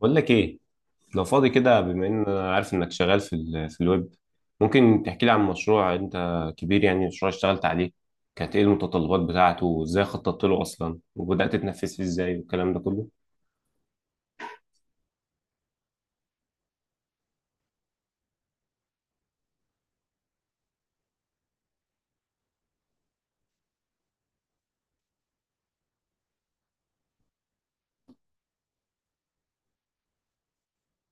بقول لك ايه، لو فاضي كده. بما ان انا عارف انك شغال في الويب، ممكن تحكي لي عن مشروع انت كبير، يعني مشروع اشتغلت عليه؟ كانت ايه المتطلبات بتاعته، وازاي خططت له اصلا، وبدأت تنفذ فيه ازاي والكلام ده كله؟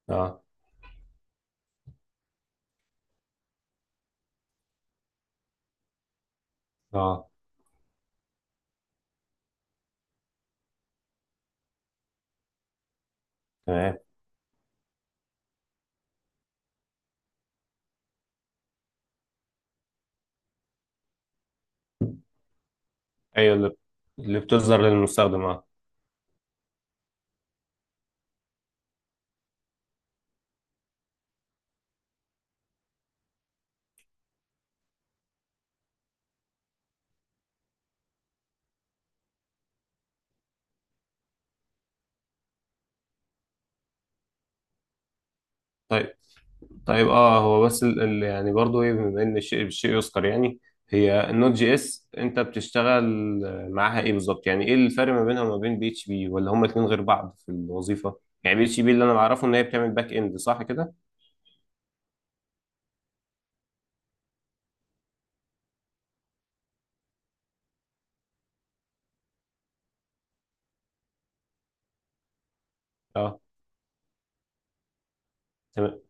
اه. اه. تمام. ايوه. اللي بتظهر للمستخدم، اه. طيب. طيب، هو بس ال ال يعني برضو ايه، بما ان الشيء بالشيء يذكر، يعني هي النوت جي اس انت بتشتغل معاها ايه بالظبط؟ يعني ايه الفرق ما بينها وما بين بي اتش بي؟ ولا هما الاثنين غير بعض في الوظيفه؟ يعني بي اتش بي اللي انا بعرفه ان هي بتعمل باك اند، صح كده؟ اه. تمام.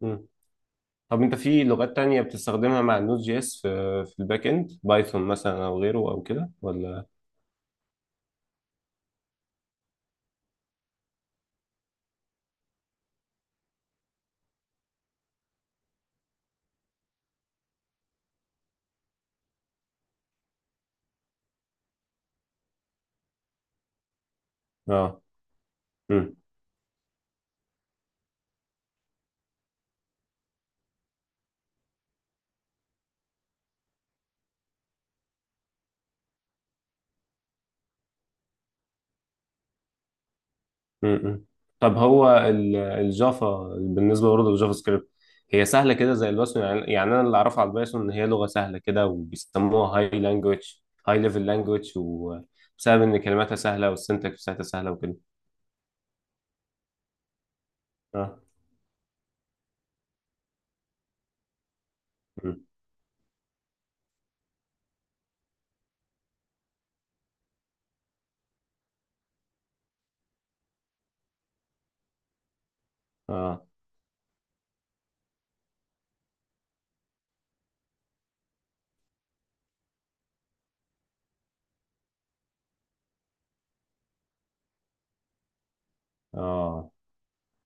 مم. طب انت في لغات تانية بتستخدمها مع النوت جي اس في الباك اند، بايثون مثلا او غيره او كده، ولا؟ اه. م-م. طب هو الجافا، بالنسبه برضه للجافا سكريبت، هي سهله كده زي البايثون يعني؟ يعني انا اللي اعرفه على البايثون ان هي لغه سهله كده وبيسموها هاي لانجوج، هاي ليفل لانجوج، وبسبب ان كلماتها سهله والسنتكس بتاعتها سهله وكده. اه. م. اه. اه.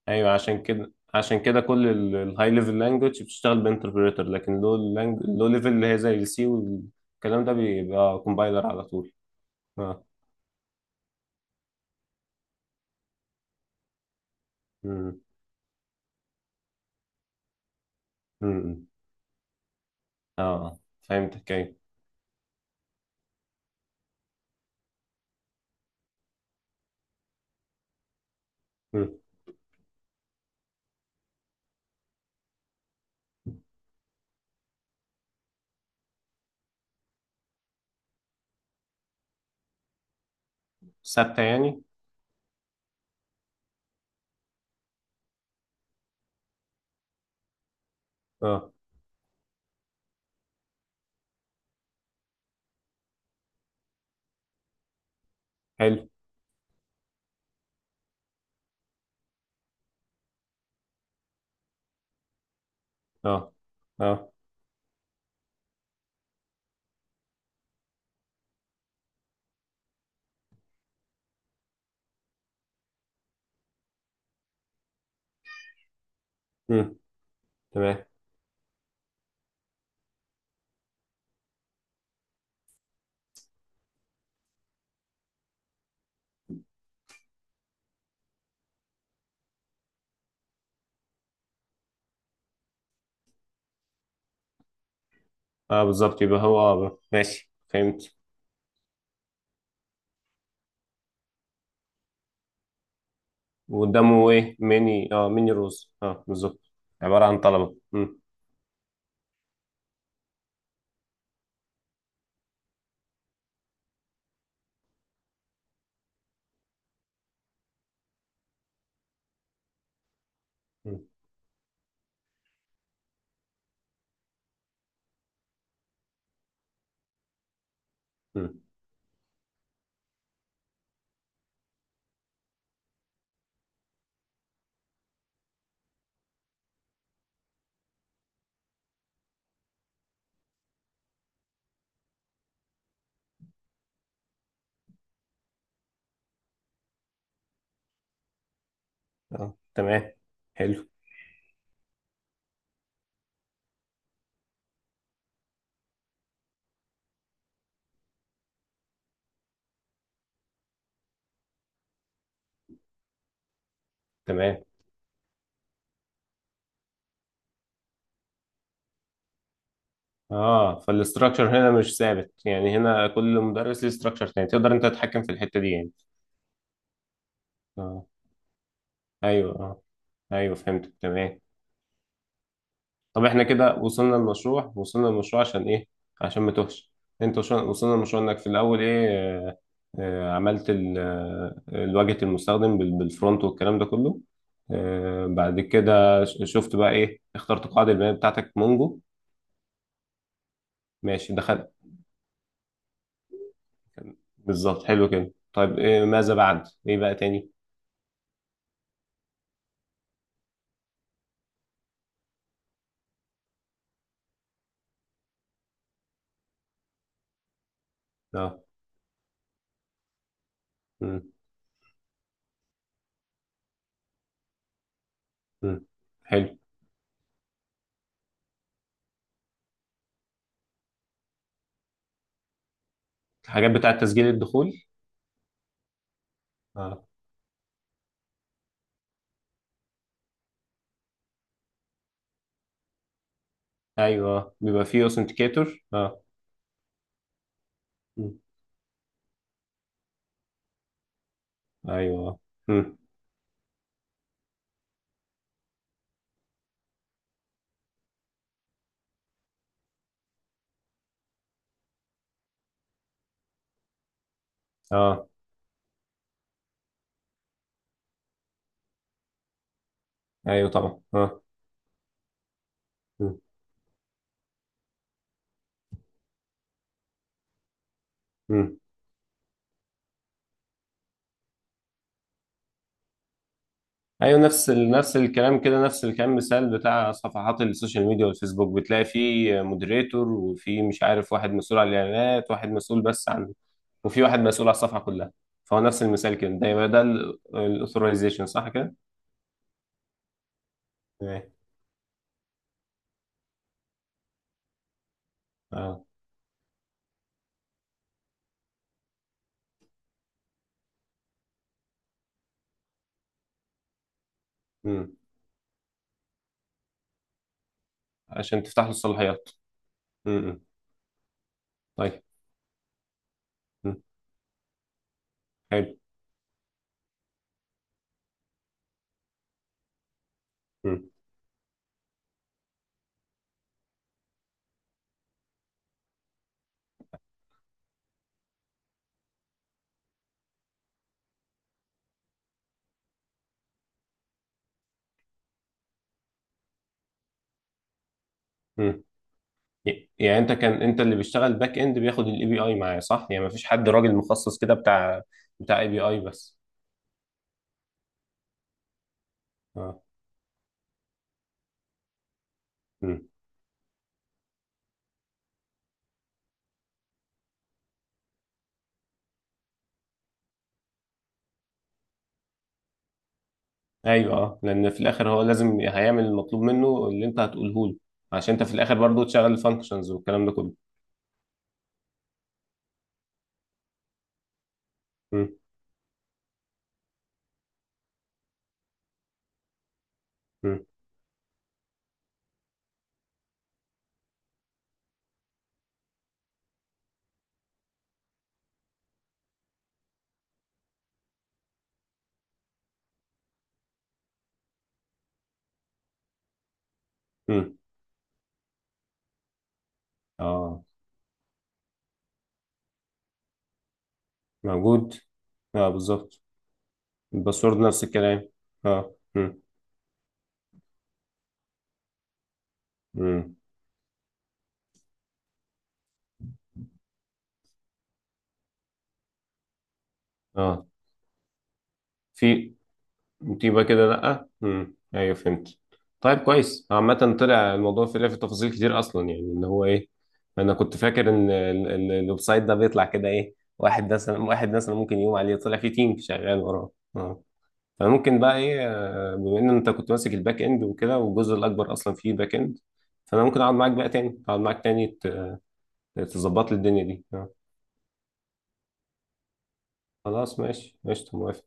ايوه، عشان كده عشان كده كل الهاي ليفل لانجوج بتشتغل بانتربريتر، لكن لو ليفل اللي هي زي السي والكلام ده بيبقى كومبايلر على طول. اه. م-. م-. م. اه، فهمتك، ايوه. ثابتة يعني؟ اه. حلو. اه. اه. امم. تمام. اه بالظبط، يبقى هو، اه، ماشي، فهمت. وقدامه ايه؟ ميني، اه، ميني روز، اه، بالظبط. عبارة عن طلبة. امم. امم. امم. اه، تمام. حلو. تمام. اه، فالاستراكشر هنا مش ثابت يعني، هنا كل مدرس ليه استراكشر تاني؟ تقدر انت تتحكم في الحتة دي يعني؟ اه. ايوه. اه. ايوه، فهمت، تمام. طب احنا كده وصلنا للمشروع، وصلنا للمشروع عشان ايه؟ عشان ما توهش. انت وصلنا للمشروع انك في الاول ايه، عملت الواجهة المستخدم بالفرونت والكلام ده كله. بعد كده شفت بقى ايه، اخترت قاعدة البيانات بتاعتك مونجو؟ ماشي، دخلت. بالظبط، حلو كده. طيب إيه ماذا بعد، ايه بقى تاني؟ اه. مم. مم. حلو. الحاجات بتاعة تسجيل الدخول. اه. ايوه، بيبقى فيه اوثنتيكيتور، اه. مم. ايوه. مم. اه. ايوه طبعا، اه. مم. مم. ايوه، نفس نفس الكلام كده، نفس الكلام، مثال بتاع صفحات السوشيال ميديا والفيسبوك، بتلاقي فيه مودريتور، وفي مش عارف، واحد مسؤول عن الاعلانات، واحد مسؤول بس عن. وفي واحد مسؤول على الصفحه كلها. فهو نفس المثال كده، ده يبقى ده الاثورايزيشن، صح كده؟ تمام. اه. امم. عشان تفتح له الصلاحيات. امم. طيب. امم. حلو. امم. امم. يعني انت كان انت اللي بيشتغل باك اند بياخد الاي بي اي معايا، صح؟ يعني مفيش حد راجل مخصص كده بتاع، اي بي اي بس؟ اه. مم. ايوه. اه، لان في الاخر هو لازم هيعمل المطلوب منه اللي انت هتقوله له، عشان انت في الاخر برضو تشغل الفانكشنز والكلام ده كله. مم. مم. مم. اه، موجود. اه بالظبط، الباسورد نفس الكلام، اه. مم. مم. اه. في. يبقى كده لأ. مم. أيوه، فهمت. طيب، كويس عامة، طلع الموضوع في تفاصيل كتير أصلا، يعني إن هو إيه. أنا كنت فاكر إن الويب سايت ده بيطلع كده إيه، واحد مثلا، ممكن يقوم عليه، طلع فيه تيم شغال وراه. أه. فممكن بقى إيه، بما إن أنت كنت ماسك الباك إند وكده والجزء الأكبر أصلا فيه باك إند، فأنا ممكن أقعد معاك بقى تاني، أقعد معاك تاني ت- تظبط لي الدنيا دي، أه. خلاص، ماشي، قشطة، موافق.